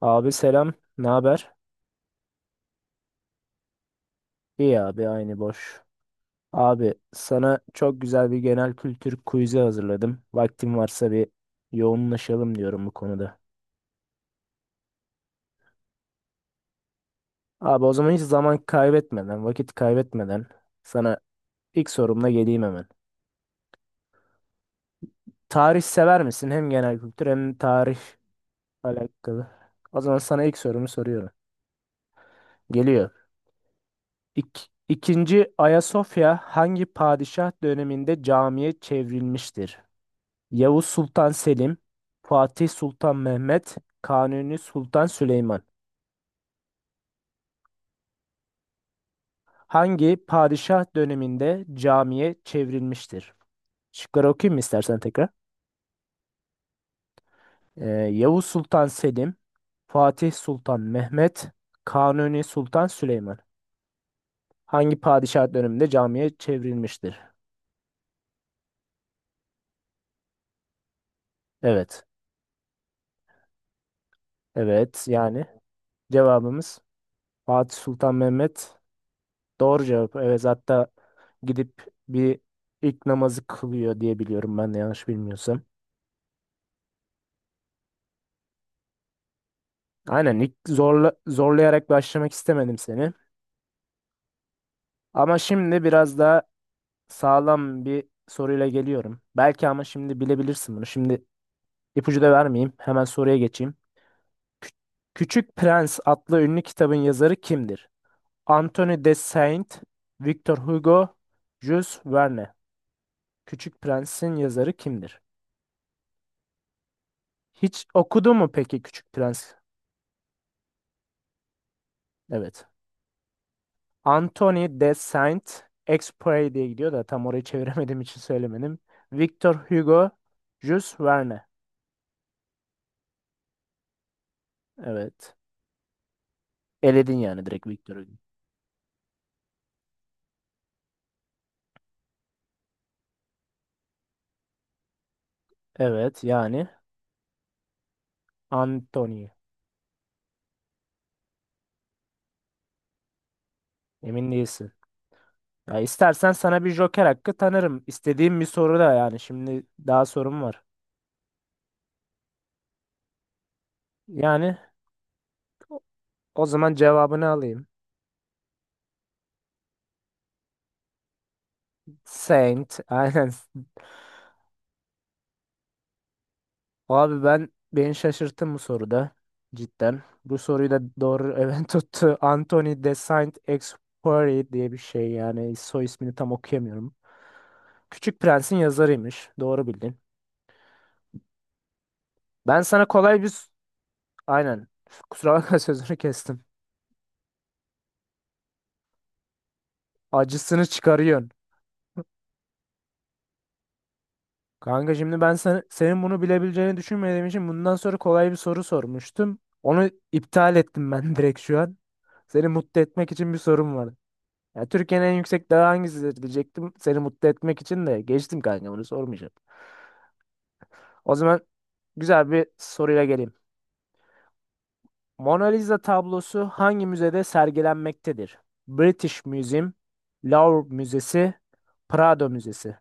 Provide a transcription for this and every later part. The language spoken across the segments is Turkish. Abi selam, ne haber? İyi abi, aynı boş. Abi sana çok güzel bir genel kültür quiz'i hazırladım. Vaktin varsa bir yoğunlaşalım diyorum bu konuda. Abi o zaman hiç zaman kaybetmeden, vakit kaybetmeden sana ilk sorumla geleyim hemen. Tarih sever misin? Hem genel kültür hem tarih alakalı. O zaman sana ilk sorumu soruyorum. Geliyor. İkinci Ayasofya hangi padişah döneminde camiye çevrilmiştir? Yavuz Sultan Selim, Fatih Sultan Mehmet, Kanuni Sultan Süleyman hangi padişah döneminde camiye çevrilmiştir? Şıkları okuyayım mı istersen tekrar? Yavuz Sultan Selim, Fatih Sultan Mehmet, Kanuni Sultan Süleyman hangi padişah döneminde camiye çevrilmiştir? Evet, evet yani cevabımız Fatih Sultan Mehmet doğru cevap. Evet hatta gidip bir ilk namazı kılıyor diye biliyorum ben de yanlış bilmiyorsam. Aynen ilk zorlayarak başlamak istemedim seni. Ama şimdi biraz daha sağlam bir soruyla geliyorum. Belki ama şimdi bilebilirsin bunu. Şimdi ipucu da vermeyeyim. Hemen soruya geçeyim. Kü- Küçük Prens adlı ünlü kitabın yazarı kimdir? Anthony de Saint, Victor Hugo, Jules Verne. Küçük Prens'in yazarı kimdir? Hiç okudu mu peki Küçük Prens? Evet. Anthony de Saint-Exupéry diye gidiyor da tam orayı çeviremediğim için söylemedim. Victor Hugo, Jules Verne. Evet. Eledin yani direkt Victor Hugo. Evet yani Anthony. Emin değilsin. Ya istersen sana bir joker hakkı tanırım. İstediğim bir soru da yani şimdi daha sorum var. Yani o o zaman cevabını alayım. Saint. Aynen. Abi ben beni şaşırttı bu soruda cidden. Bu soruyu da doğru evet tuttu. Anthony de Saint-Exupéry diye bir şey yani soy ismini tam okuyamıyorum. Küçük Prens'in yazarıymış. Doğru bildin. Ben sana kolay bir. Aynen. Kusura bakma sözünü kestim. Acısını çıkarıyorsun. Kanka şimdi ben sen, senin bunu bilebileceğini düşünmediğim için bundan sonra kolay bir soru sormuştum. Onu iptal ettim ben direkt şu an. Seni mutlu etmek için bir sorum var. Ya Türkiye'nin en yüksek dağı hangisidir diyecektim. Seni mutlu etmek için de geçtim kanka bunu sormayacağım. O zaman güzel bir soruyla geleyim. Mona Lisa tablosu hangi müzede sergilenmektedir? British Museum, Louvre Müzesi, Prado Müzesi.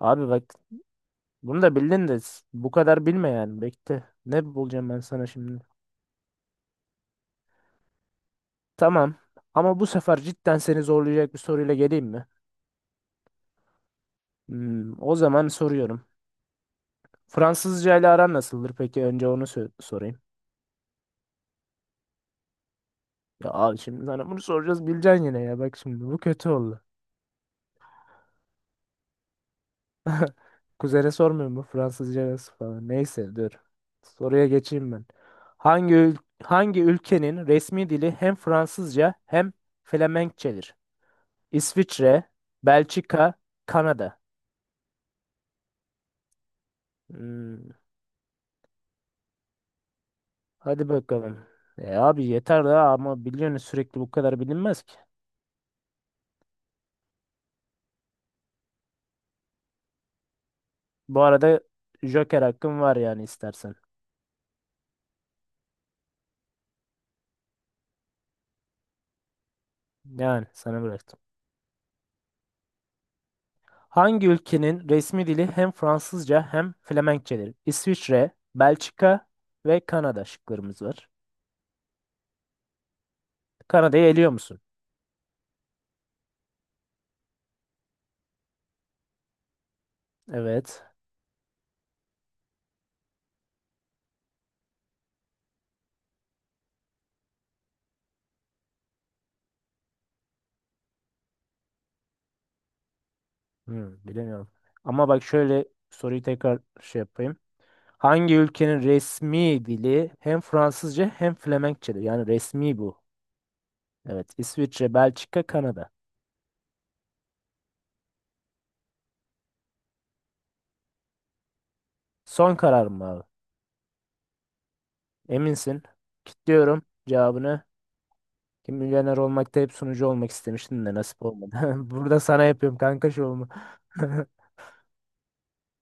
Abi bak bunu da bildin de bu kadar bilme yani bekle. Ne bulacağım ben sana şimdi? Tamam ama bu sefer cidden seni zorlayacak bir soruyla geleyim mi? O zaman soruyorum. Fransızca ile aran nasıldır peki? Önce onu sorayım. Ya abi şimdi sana bunu soracağız bileceksin yine ya. Bak şimdi bu kötü oldu. Kuzene sormuyorum bu Fransızca nasıl falan. Neyse dur. Soruya geçeyim ben. Hangi ül- hangi ülkenin resmi dili hem Fransızca hem Flemenkçedir? İsviçre, Belçika, Kanada. Hmm, hadi bakalım. E abi yeter daha ama biliyorsun sürekli bu kadar bilinmez ki. Bu arada Joker hakkın var yani istersen. Yani sana bırak. Hangi ülkenin resmi dili hem Fransızca hem Flemenkçedir? İsviçre, Belçika ve Kanada şıklarımız var. Kanada'yı eliyor musun? Evet. Bilemiyorum. Ama bak şöyle soruyu tekrar şey yapayım. Hangi ülkenin resmi dili hem Fransızca hem Flemenkçedir? Yani resmi bu. Evet. İsviçre, Belçika, Kanada. Son karar mı abi? Eminsin. Kilitliyorum cevabını. Kim Milyoner olmakta hep sunucu olmak istemiştim de nasip olmadı. Burada sana yapıyorum kanka şovumu.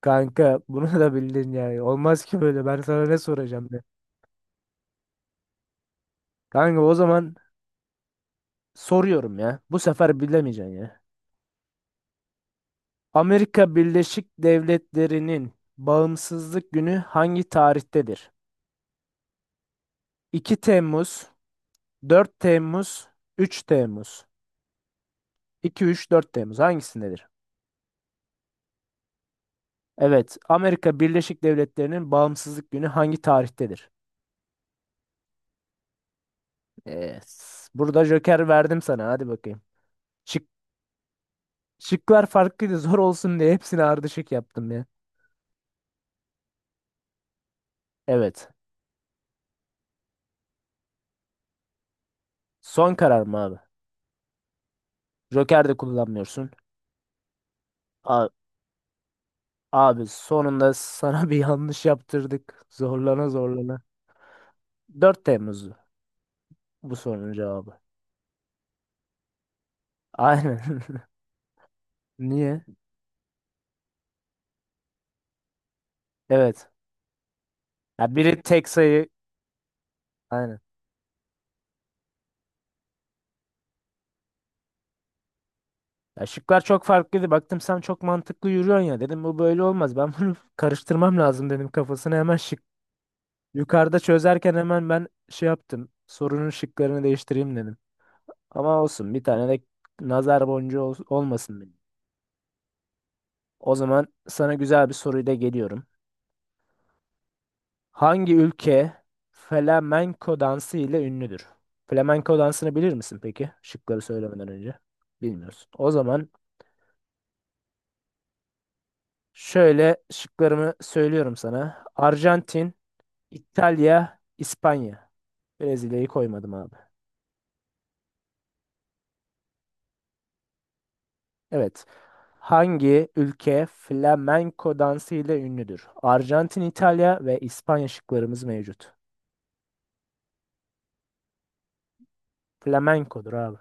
Kanka bunu da bildin yani. Olmaz ki böyle. Ben sana ne soracağım be. Kanka o zaman soruyorum ya. Bu sefer bilemeyeceksin ya. Amerika Birleşik Devletleri'nin bağımsızlık günü hangi tarihtedir? 2 Temmuz, 4 Temmuz, 3 Temmuz. 2, 3, 4 Temmuz hangisindedir? Evet, Amerika Birleşik Devletleri'nin bağımsızlık günü hangi tarihtedir? Ee, burada Joker verdim sana. Hadi bakayım. Şık, şıklar farklıydı zor olsun diye hepsini ardışık yaptım ya. Evet. Son karar mı abi? Joker de kullanmıyorsun. A- abi sonunda sana bir yanlış yaptırdık. Zorlana zorlana. 4 Temmuz'du bu sorunun cevabı. Aynen. Niye? Evet. Ya biri tek sayı. Aynen. Ya şıklar çok farklıydı. Baktım sen çok mantıklı yürüyorsun ya. Dedim bu böyle olmaz. Ben bunu karıştırmam lazım dedim kafasına. Hemen şık yukarıda çözerken hemen ben şey yaptım. Sorunun şıklarını değiştireyim dedim. Ama olsun bir tane de nazar boncuğu olmasın benim. O zaman sana güzel bir soruyla geliyorum. Hangi ülke flamenco dansı ile ünlüdür? Flamenco dansını bilir misin peki? Şıkları söylemeden önce. Bilmiyorsun. O zaman şöyle şıklarımı söylüyorum sana. Arjantin, İtalya, İspanya. Brezilya'yı koymadım abi. Evet. Hangi ülke flamenco dansı ile ünlüdür? Arjantin, İtalya ve İspanya şıklarımız mevcut. Flamenco'dur abi.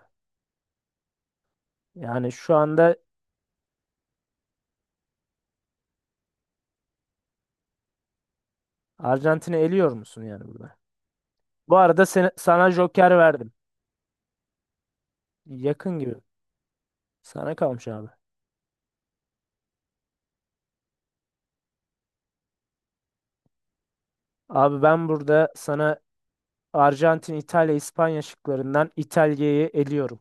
Yani şu anda Arjantin'i eliyor musun yani burada? Bu arada sana Joker verdim. Yakın gibi. Sana kalmış abi. Abi ben burada sana Arjantin, İtalya, İspanya şıklarından İtalya'yı eliyorum.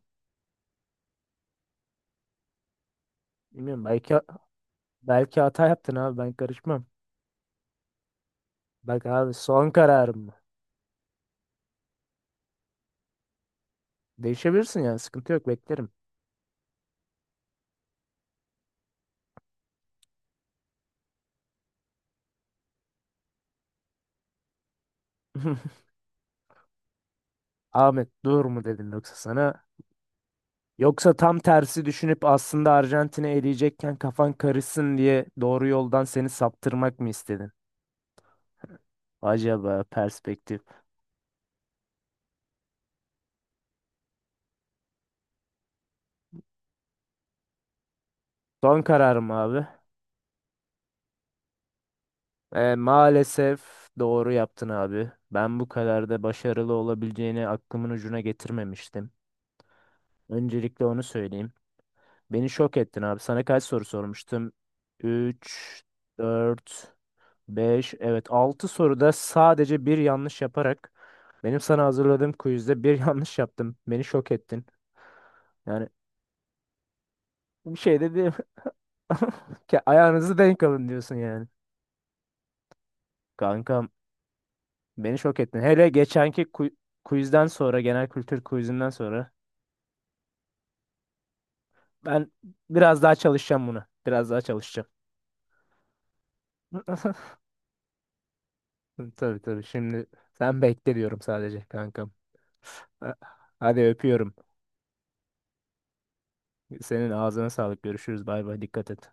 Bilmiyorum belki hata yaptın abi ben karışmam. Bak abi son kararım mı? Değişebilirsin yani sıkıntı yok beklerim. Ahmet dur mu dedim yoksa sana? Yoksa tam tersi düşünüp aslında Arjantin'i eleyecekken kafan karışsın diye doğru yoldan seni saptırmak mı istedin? Acaba perspektif. Son kararım abi. E, maalesef doğru yaptın abi. Ben bu kadar da başarılı olabileceğini aklımın ucuna getirmemiştim. Öncelikle onu söyleyeyim. Beni şok ettin abi. Sana kaç soru sormuştum? Üç, dört, 5 evet 6 soruda sadece bir yanlış yaparak benim sana hazırladığım quizde bir yanlış yaptım. Beni şok ettin. Yani bir şey de bir Ayağınızı denk alın diyorsun yani. Kankam beni şok ettin. Hele geçenki quizden sonra genel kültür quizinden sonra ben biraz daha çalışacağım buna. Biraz daha çalışacağım. Tabii tabii şimdi sen bekle diyorum sadece kankam. Ha- Hadi öpüyorum. Senin ağzına sağlık. Görüşürüz. Bay bay. Dikkat et.